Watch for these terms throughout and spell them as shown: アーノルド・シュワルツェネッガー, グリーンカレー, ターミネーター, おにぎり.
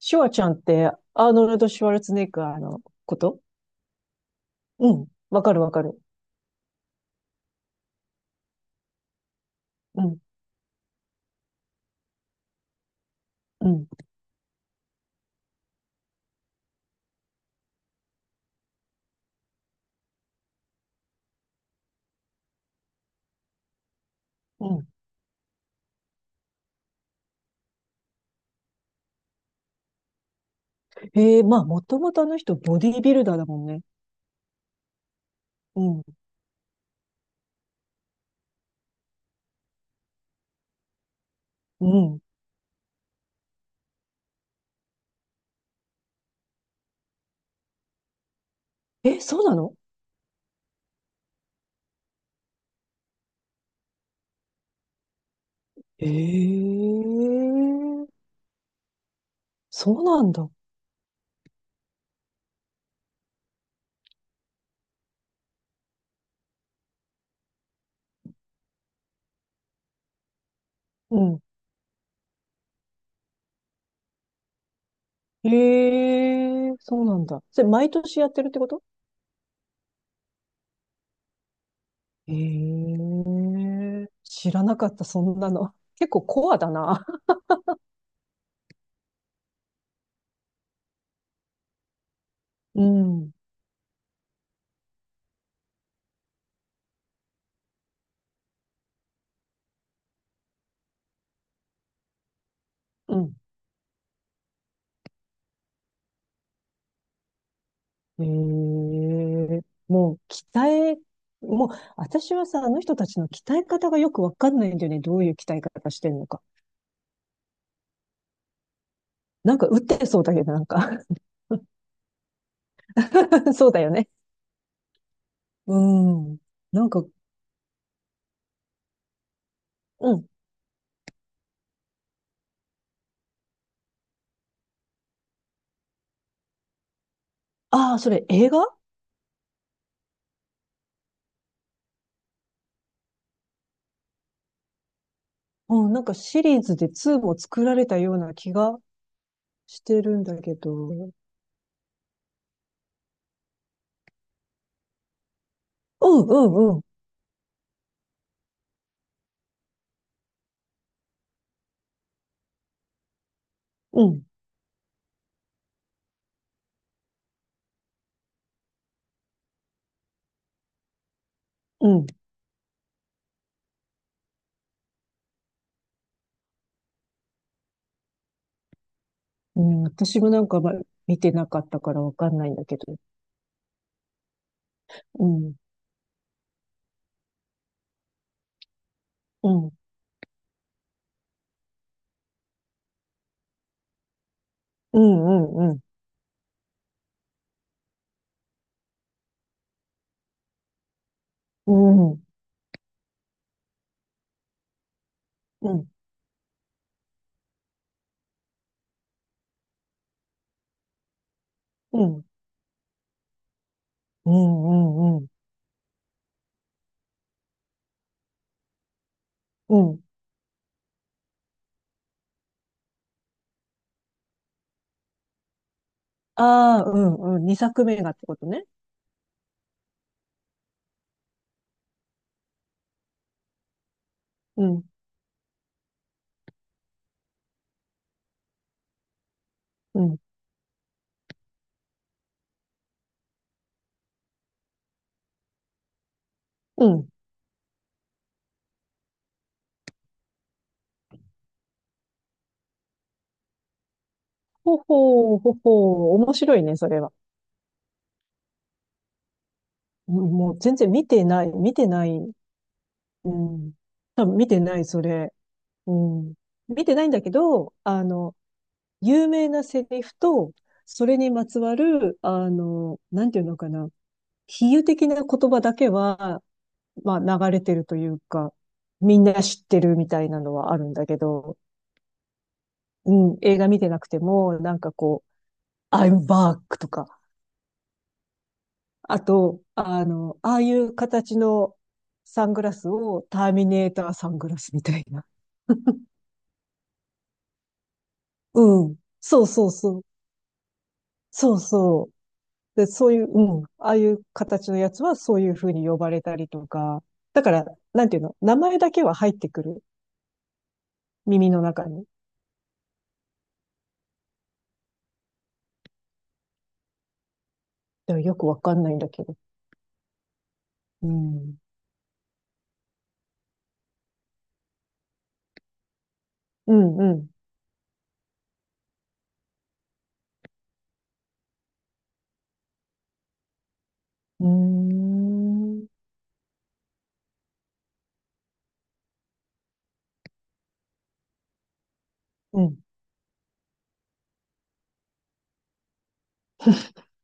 シュワちゃんって、アーノルド・シュワルツェネッガーのこと。うん。わかるわかる。うん。うん。うん。ええ、まあ、もともとあの人、ボディービルダーだもんね。うん。うん。え、そうなの？ええ、そうなんだ。うん。ええ、そうなんだ。それ、毎年やってるってこと？ええ、知らなかった、そんなの。結構コアだな。うん。うん。ええ、もう鍛え、もう私はさ、あの人たちの鍛え方がよくわかんないんだよね。どういう鍛え方してんのか。なんか打ってそうだけど、なんか そうだよね。うん。なんか、うん。ああ、それ映画？うん、なんかシリーズで2も作られたような気がしてるんだけど。うんうんうん。うん、うん。うん、私もなんか、ま、見てなかったからわかんないんだけど。うん、うん、うん、うん、うん、うん、うん。うんうんうんうん。うん。ああ、うんうん。二作目がってことね。うん、うん、うん。ほほう、ほほう。面白いね、それは。うん、もう全然見てない、見てない。うん。多分見てない、それ。うん。見てないんだけど、あの、有名なセリフと、それにまつわる、あの、なんていうのかな。比喩的な言葉だけは、まあ、流れてるというか、みんな知ってるみたいなのはあるんだけど、うん、映画見てなくても、なんかこう、I'm back とか、あと、あの、ああいう形のサングラスをターミネーターサングラスみたいな。うん。そうそうそう。そうそう。で、そういう、うん。ああいう形のやつはそういう風に呼ばれたりとか。だから、なんていうの、名前だけは入ってくる。耳の中に。でもよくわかんないんだけど。うん。うん、うん。うーん。うん。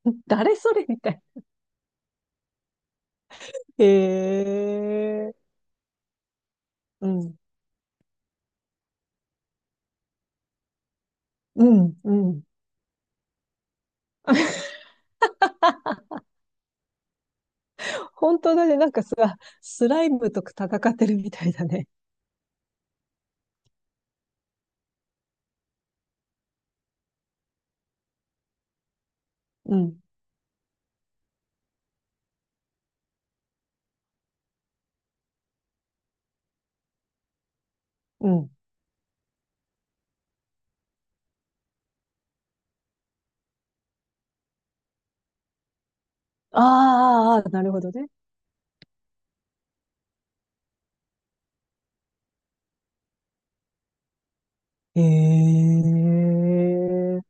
誰それみたいな。へえ、うん、うん、うん。あ、本当だね。なんかさ、スライムと戦ってるみたいだね。うん、うん。あーあー、あーなるほどね。へえ、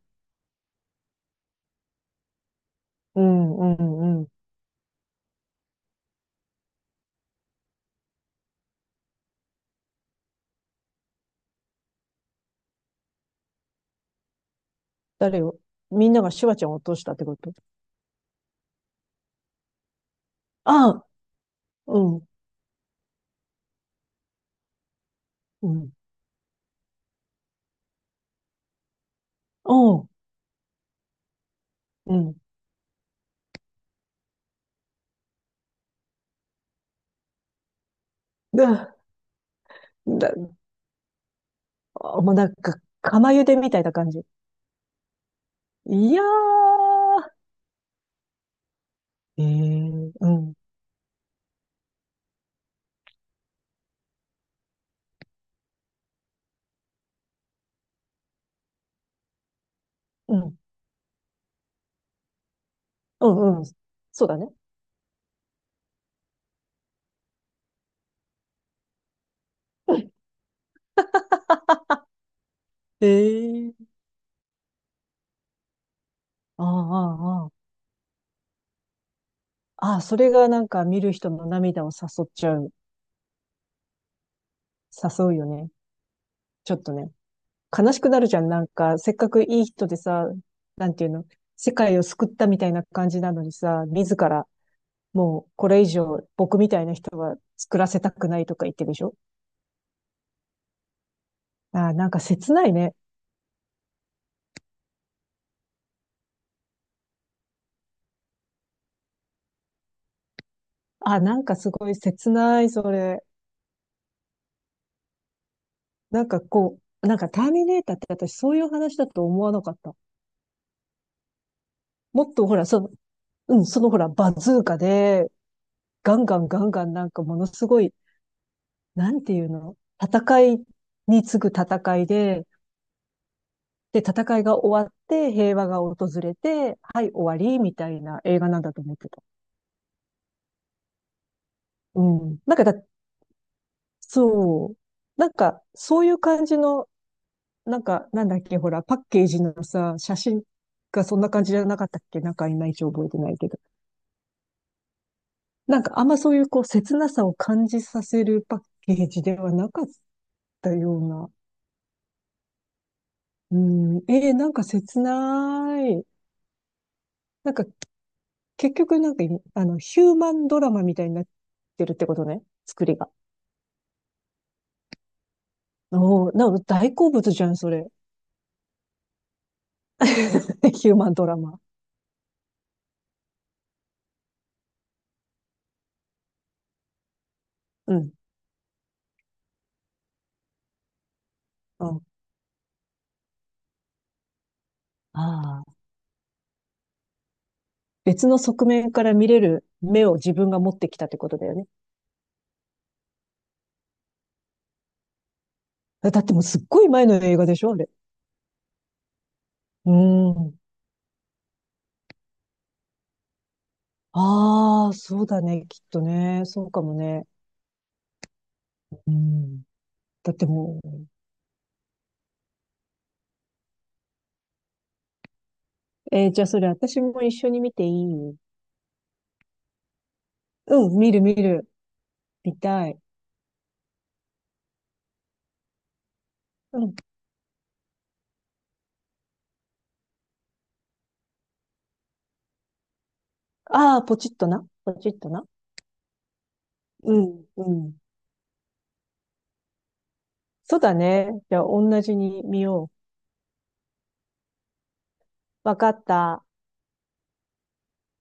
うん、うん、うん。誰を？みんながシュワちゃんを落としたってこと？ああ、うん、うん、おう、うん。だ、だ、あ、もうなんか、釜茹でみたいな感じ。いやー、ええ、うん、うん、うん、うん。そうだね。ええ、ああ、ああ、ああ。それがなんか見る人の涙を誘っちゃう。誘うよね。ちょっとね。悲しくなるじゃん。なんか、せっかくいい人でさ、なんていうの、世界を救ったみたいな感じなのにさ、自ら、もうこれ以上僕みたいな人は作らせたくないとか言ってるでしょ？ああ、なんか切ないね。ああ、なんかすごい切ない、それ。なんかこう、なんかターミネーターって私そういう話だと思わなかった。もっとほら、その、うん、そのほら、バズーカで、ガンガンガンガンなんかものすごい、なんていうの、戦いに次ぐ戦いで、で、戦いが終わって平和が訪れて、はい、終わり、みたいな映画なんだと思ってた。うん。なんかだ、そう。なんか、そういう感じの、なんか、なんだっけ、ほら、パッケージのさ、写真がそんな感じじゃなかったっけ？なんか、いまいち覚えてないけど。なんか、あんまそういう、こう、切なさを感じさせるパッケージではなかったような。うん、なんか切ない。なんか結局なんかい、あの、ヒューマンドラマみたいになってるってことね。作りが。おー、なんか大好物じゃん、それ。ヒューマンドラマ。うん。うん。ああ。別の側面から見れる目を自分が持ってきたってことだよね。だってもうすっごい前の映画でしょ、あれ。うん。ああ、そうだね、きっとね。そうかもね。うん。だってもう、じゃあそれ私も一緒に見ていい？うん、見る見る。見たい。うん。ああ、ポチッとな。ポチッとな。うん、うん。そうだね。じゃあ、同じに見よう。わかった。